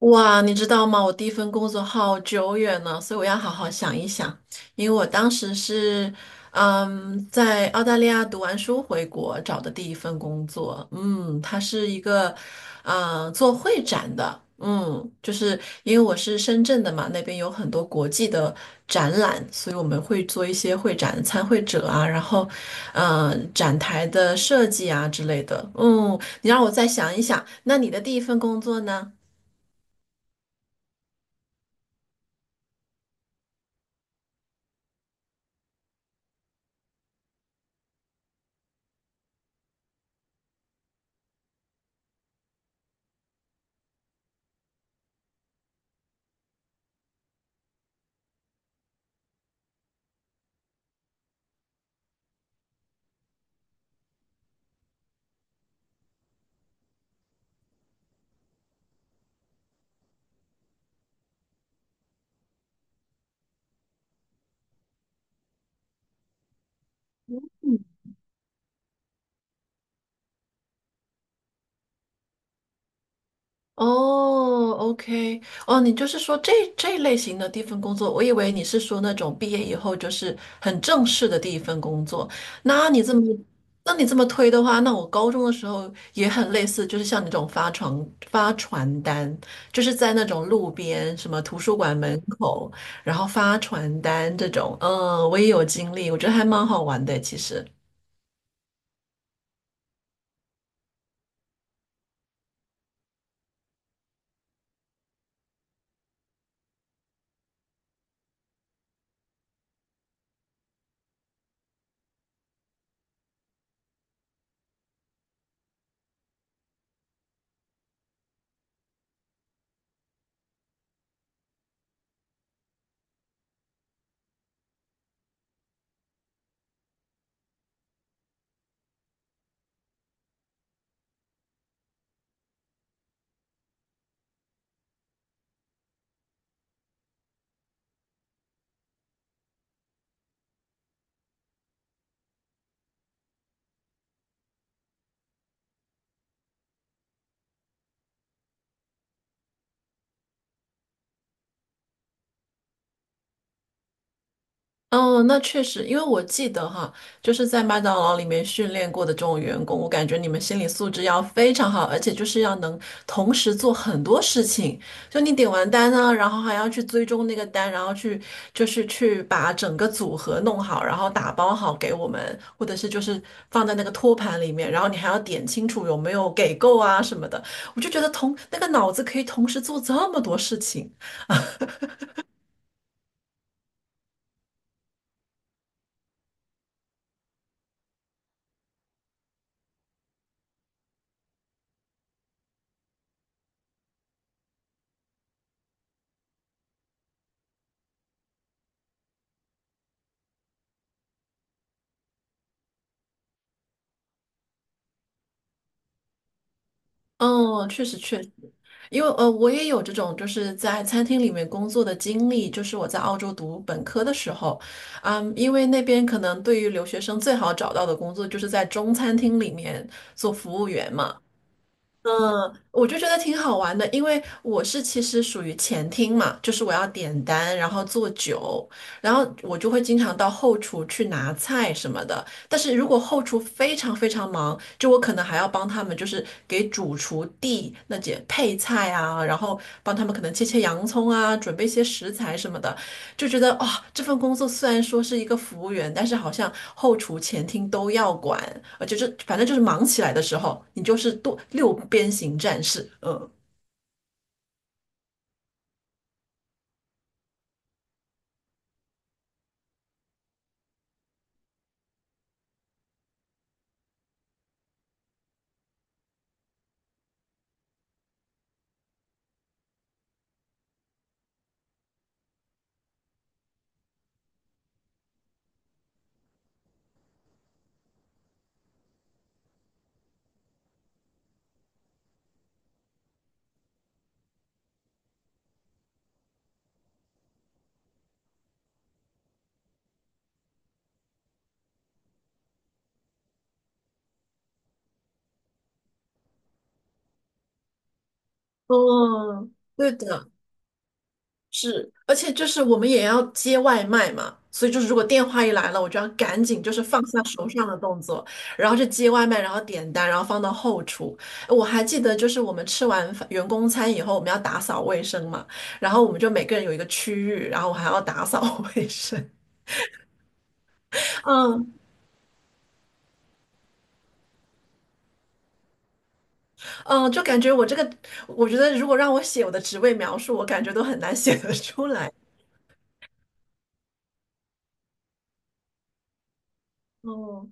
哇，你知道吗？我第一份工作好久远了，所以我要好好想一想。因为我当时是，在澳大利亚读完书回国找的第一份工作。嗯，它是一个，做会展的。嗯，就是因为我是深圳的嘛，那边有很多国际的展览，所以我们会做一些会展参会者啊，然后，展台的设计啊之类的。嗯，你让我再想一想，那你的第一份工作呢？哦，OK，哦，你就是说这类型的第一份工作，我以为你是说那种毕业以后就是很正式的第一份工作。那你这么，那你这么推的话，那我高中的时候也很类似，就是像你这种发传单，就是在那种路边什么图书馆门口，然后发传单这种，我也有经历，我觉得还蛮好玩的，其实。哦，那确实，因为我记得哈，就是在麦当劳里面训练过的这种员工，我感觉你们心理素质要非常好，而且就是要能同时做很多事情。就你点完单呢，然后还要去追踪那个单，然后去就是去把整个组合弄好，然后打包好给我们，或者是就是放在那个托盘里面，然后你还要点清楚有没有给够啊什么的。我就觉得同那个脑子可以同时做这么多事情。嗯，确实，因为我也有这种就是在餐厅里面工作的经历，就是我在澳洲读本科的时候，因为那边可能对于留学生最好找到的工作就是在中餐厅里面做服务员嘛。嗯，我就觉得挺好玩的，因为我是其实属于前厅嘛，就是我要点单，然后做酒，然后我就会经常到后厨去拿菜什么的。但是如果后厨非常忙，就我可能还要帮他们，就是给主厨递那些配菜啊，然后帮他们可能切切洋葱啊，准备一些食材什么的。就觉得啊、这份工作虽然说是一个服务员，但是好像后厨、前厅都要管。就是反正就是忙起来的时候，你就是多六边形战士。嗯，哦，对的，是，而且就是我们也要接外卖嘛，所以就是如果电话一来了，我就要赶紧就是放下手上的动作，然后去接外卖，然后点单，然后放到后厨。我还记得就是我们吃完饭员工餐以后，我们要打扫卫生嘛，然后我们就每个人有一个区域，然后我还要打扫 卫生。嗯嗯，就感觉我这个，我觉得如果让我写我的职位描述，我感觉都很难写得出来。哦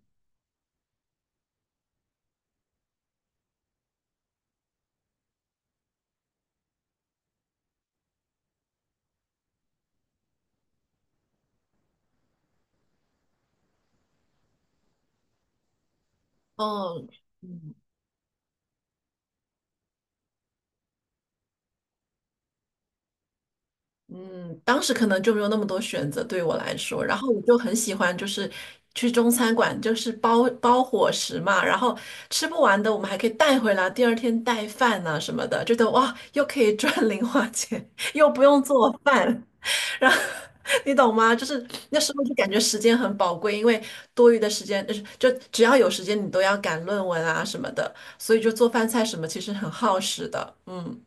哦，嗯。嗯，当时可能就没有那么多选择对我来说，然后我就很喜欢，就是去中餐馆，就是包包伙食嘛，然后吃不完的我们还可以带回来，第二天带饭啊什么的，觉得哇，又可以赚 零花钱，又不用做饭，然后 你懂吗？就是那时候就感觉时间很宝贵，因为多余的时间就是就只要有时间你都要赶论文啊什么的，所以就做饭菜什么其实很耗时的，嗯。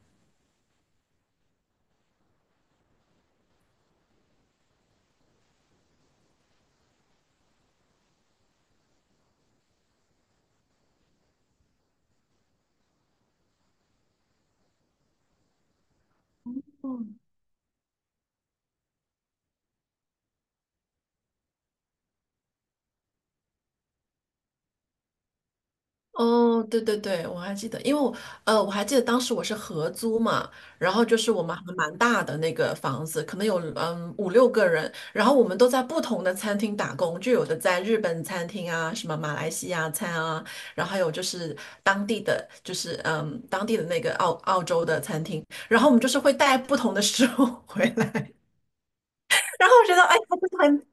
哦，对对对，我还记得，因为我还记得当时我是合租嘛，然后就是我们还蛮大的那个房子，可能有五六个人，然后我们都在不同的餐厅打工，就有的在日本餐厅啊，什么马来西亚餐啊，然后还有就是当地的，就是当地的那个澳洲的餐厅，然后我们就是会带不同的食物 回来。然后我觉得哎呀，是很。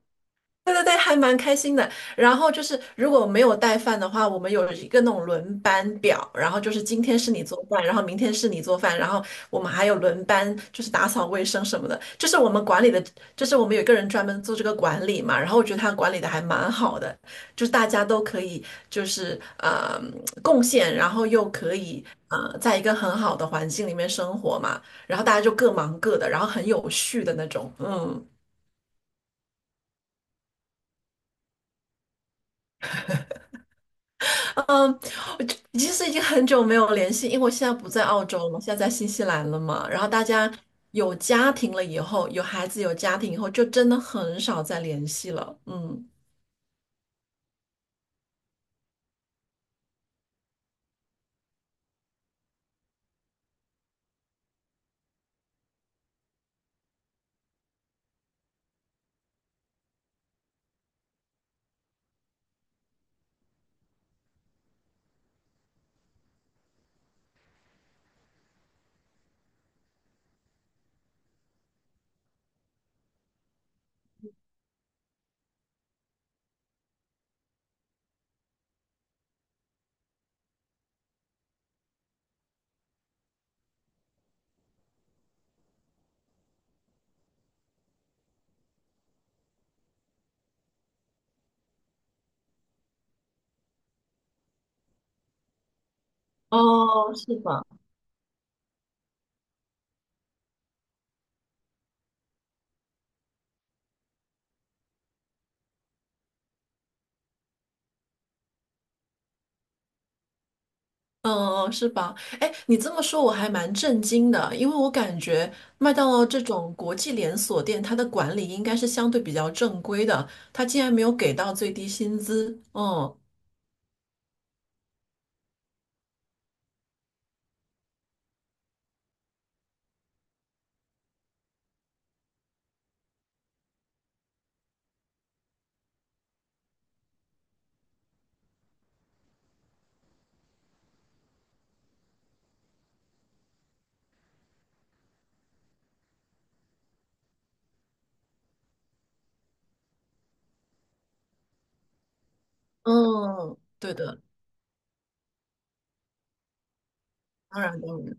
对对对，还蛮开心的。然后就是，如果没有带饭的话，我们有一个那种轮班表，然后就是今天是你做饭，然后明天是你做饭，然后我们还有轮班，就是打扫卫生什么的。就是我们管理的，就是我们有一个人专门做这个管理嘛。然后我觉得他管理的还蛮好的，就是大家都可以贡献，然后又可以在一个很好的环境里面生活嘛。然后大家就各忙各的，然后很有序的那种，嗯。嗯，我就其实已经很久没有联系，因为我现在不在澳洲了，我现在在新西兰了嘛。然后大家有家庭了以后，有孩子有家庭以后，就真的很少再联系了。嗯，哦，是吧？嗯，是吧？哎，你这么说我还蛮震惊的，因为我感觉麦当劳这种国际连锁店，它的管理应该是相对比较正规的，它竟然没有给到最低薪资。嗯，嗯，对的，当然的。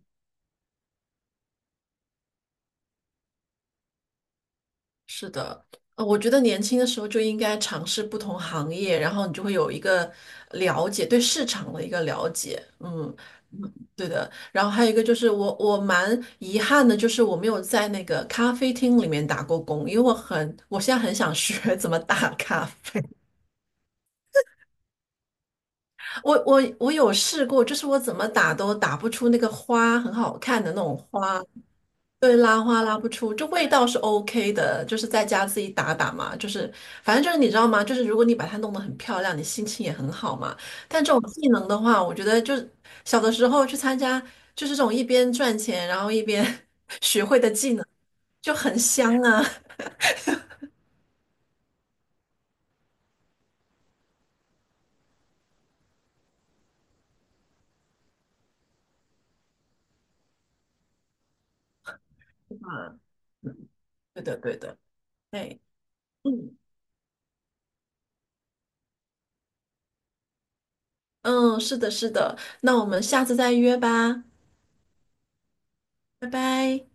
是的，我觉得年轻的时候就应该尝试不同行业，然后你就会有一个了解，对市场的一个了解。嗯，嗯对的。然后还有一个就是我蛮遗憾的，就是我没有在那个咖啡厅里面打过工，因为我现在很想学 怎么打咖啡。我有试过，就是我怎么打都打不出那个花很好看的那种花。对，拉花拉不出，就味道是 OK 的，就是在家自己打打嘛，就是反正就是你知道吗？就是如果你把它弄得很漂亮，你心情也很好嘛。但这种技能的话，我觉得就是小的时候去参加，就是这种一边赚钱，然后一边 学会的技能就很香啊。啊，对的对的，哎，嗯嗯，是的是的，那我们下次再约吧，拜拜。